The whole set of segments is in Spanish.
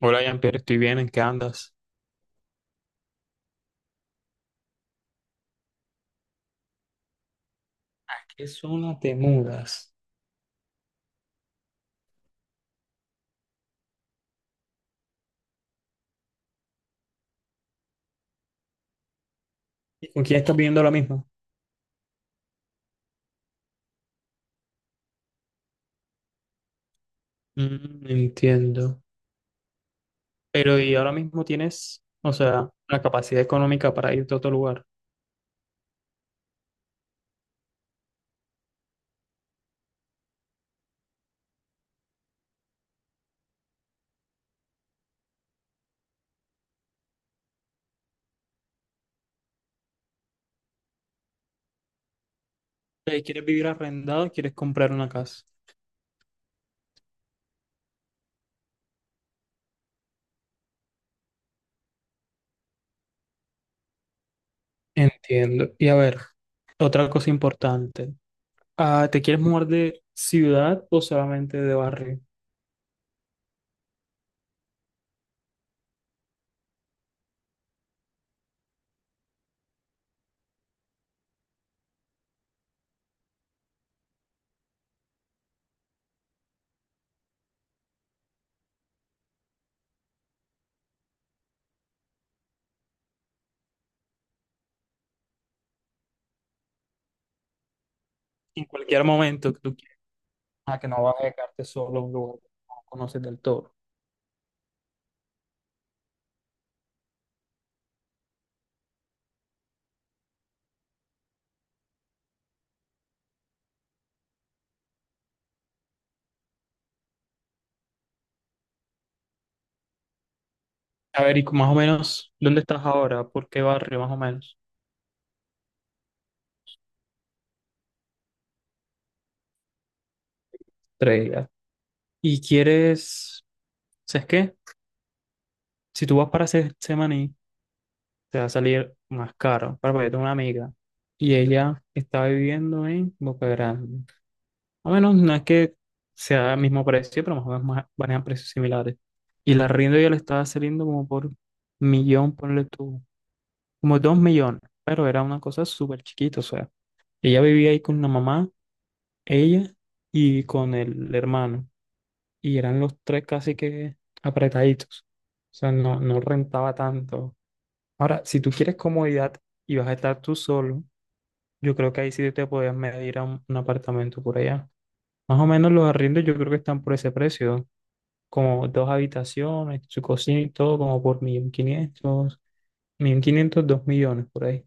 Hola, Jean-Pierre, estoy bien, ¿en qué andas? ¿A qué zona te mudas? ¿Y con quién estás viviendo ahora mismo? Mm, entiendo. Pero ¿y ahora mismo tienes, o sea, la capacidad económica para irte a otro lugar? ¿Quieres vivir arrendado o quieres comprar una casa? Entiendo. Y a ver, otra cosa importante. Ah, ¿te quieres mudar de ciudad o solamente de barrio? En cualquier momento que tú quieras, ah, que no vas a dejarte solo en un lugar que no conoces del todo. A ver, y más o menos, ¿dónde estás ahora? ¿Por qué barrio, más o menos? Tres días. Y quieres, ¿sabes qué? Si tú vas para Se- Semaní, te va a salir más caro. Para porque yo tengo una amiga y ella está viviendo en Boca Grande. A menos no es que sea el mismo precio, pero más o menos más- manejan precios similares. Y la arriendo ya le estaba saliendo como por millón, ponle tú, como 2.000.000. Pero era una cosa súper chiquita, o sea, ella vivía ahí con la mamá, ella y con el hermano, y eran los tres casi que apretaditos. O sea, no, no rentaba tanto. Ahora, si tú quieres comodidad y vas a estar tú solo, yo creo que ahí sí te podías medir a un apartamento por allá. Más o menos los arriendos yo creo que están por ese precio, como dos habitaciones, su cocina y todo, como por 1.500, quinientos dos millones por ahí.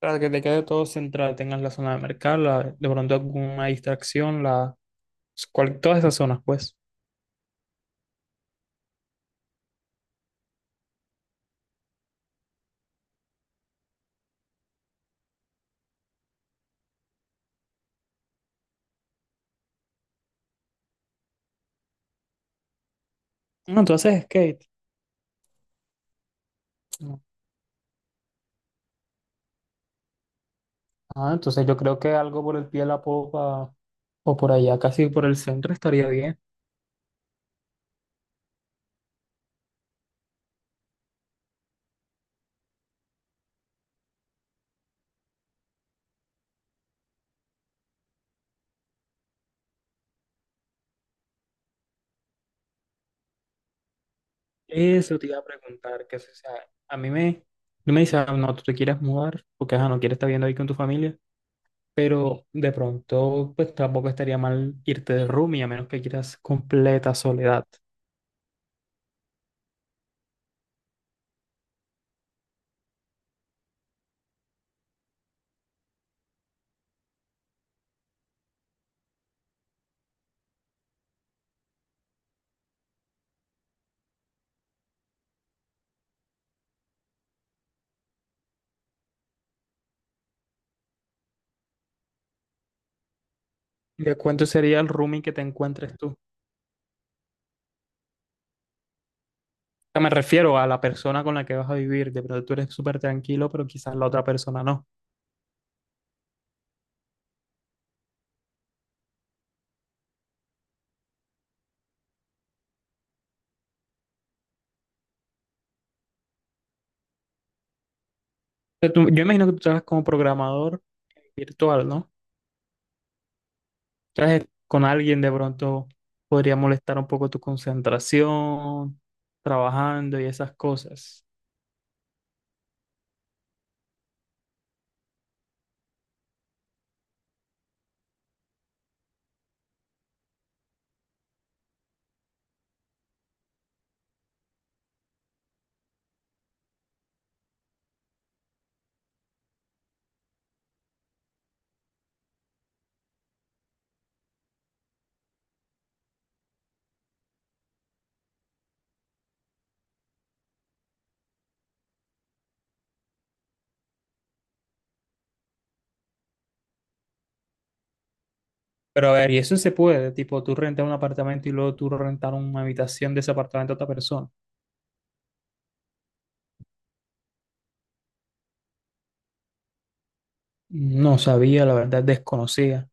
Para que te quede todo central, tengas la zona de mercado, la- de pronto alguna distracción, la, cual- todas esas zonas, pues. No, tú haces skate. Ah, entonces yo creo que algo por el pie de la popa o por allá, casi por el centro, estaría bien. Eso te iba a preguntar, que si, o sea, a mí me, no me dice, "Ah, no, tú te quieres mudar, porque ajá, no quieres estar viviendo ahí con tu familia, pero de pronto, pues tampoco estaría mal irte de roomie, a menos que quieras completa soledad." ¿De cuánto sería el roomie que te encuentres tú? O sea, me refiero a la persona con la que vas a vivir, de pronto tú eres súper tranquilo, pero quizás la otra persona no. O sea, tú- yo imagino que tú trabajas como programador virtual, ¿no? Entonces, con alguien de pronto podría molestar un poco tu concentración, trabajando y esas cosas. Pero a ver, y eso se puede, tipo tú rentar un apartamento y luego tú rentar una habitación de ese apartamento a otra persona. No sabía, la verdad, desconocía.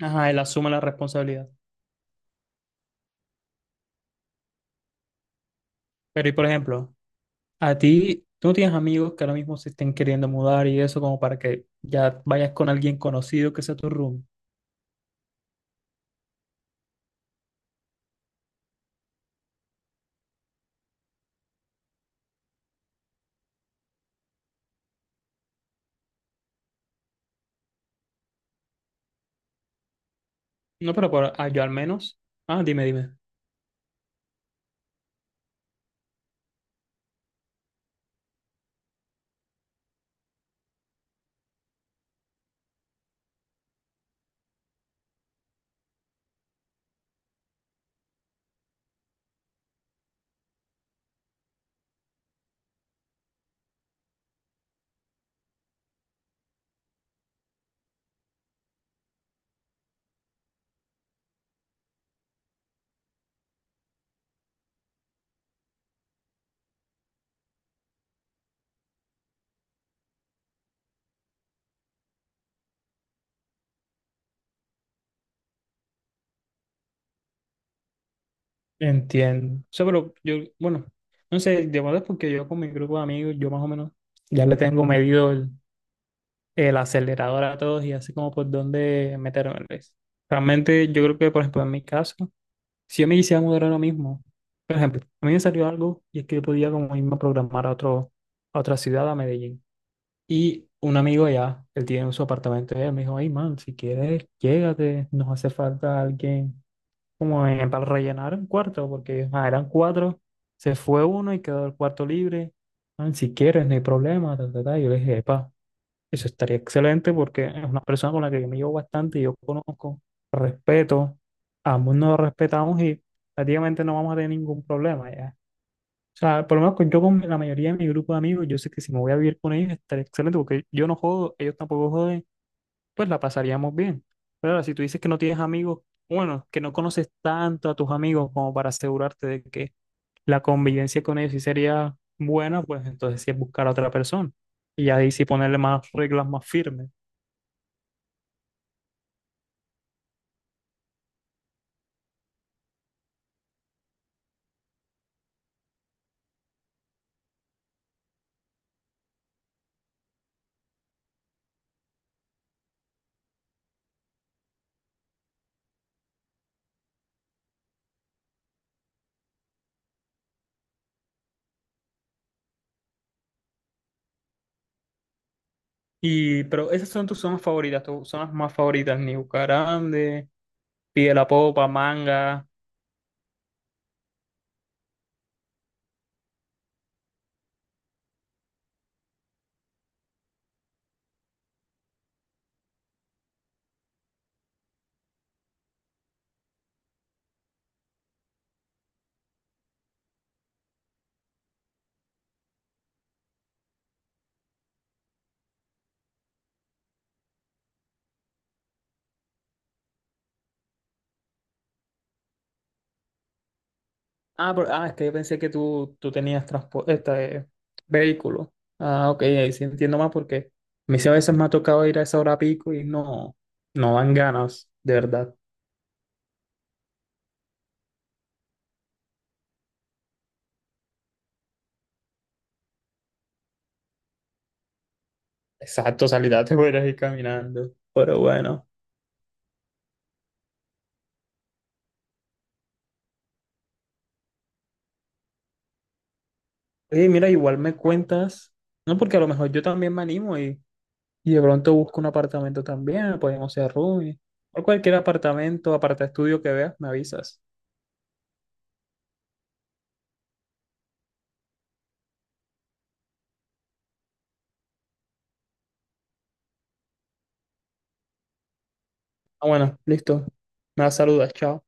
Ajá, él asume la responsabilidad. Pero y por ejemplo, a ti, tú no tienes amigos que ahora mismo se estén queriendo mudar y eso como para que ya vayas con alguien conocido que sea tu room. No, pero por- ah, yo al menos. Ah, dime, dime. Entiendo. O sea, pero yo, bueno, no sé, de verdad es porque yo con mi grupo de amigos, yo más o menos ya le tengo medido el acelerador a todos y así como por dónde meterme. Realmente yo creo que, por ejemplo, en mi caso, si yo me quisiera mudar ahora mismo, por ejemplo, a mí me salió algo y es que yo podía como irme a programar a otro, a otra ciudad, a Medellín. Y un amigo allá, él tiene su apartamento, y él me dijo, ay, man, si quieres, llégate, nos hace falta alguien como en- para rellenar un cuarto, porque ah, eran 4, se fue uno y quedó el cuarto libre. Ah, si quieres, no hay problema, ta, ta, ta. Yo le dije, epa, eso estaría excelente porque es una persona con la que yo me llevo bastante y yo conozco, respeto, ambos nos respetamos y prácticamente no vamos a tener ningún problema ya. O sea, por lo menos con- yo con la mayoría de mi grupo de amigos, yo sé que si me voy a vivir con ellos estaría excelente porque yo no jodo, ellos tampoco joden, pues la pasaríamos bien. Pero ahora, si tú dices que no tienes amigos, bueno, que no conoces tanto a tus amigos como para asegurarte de que la convivencia con ellos sí sería buena, pues entonces sí es buscar a otra persona. Y ahí sí ponerle más reglas más firmes. Y, pero esas son tus zonas favoritas, tus zonas más favoritas, New Grande, Pie de la Popa, Manga. Ah, por- ah, es que yo pensé que tú tenías transporte, este, vehículo. Ah, ok, ahí sí entiendo más porque a mí sí a veces me ha tocado ir a esa hora pico y no, no dan ganas, de verdad. Exacto, salida te voy a ir caminando. Pero bueno. Oye, mira, igual me cuentas, no, porque a lo mejor yo también me animo y de pronto busco un apartamento también, podemos ser roomie, o cualquier apartamento, aparta estudio que veas, me avisas. Ah, bueno, listo. Me saludas, chao.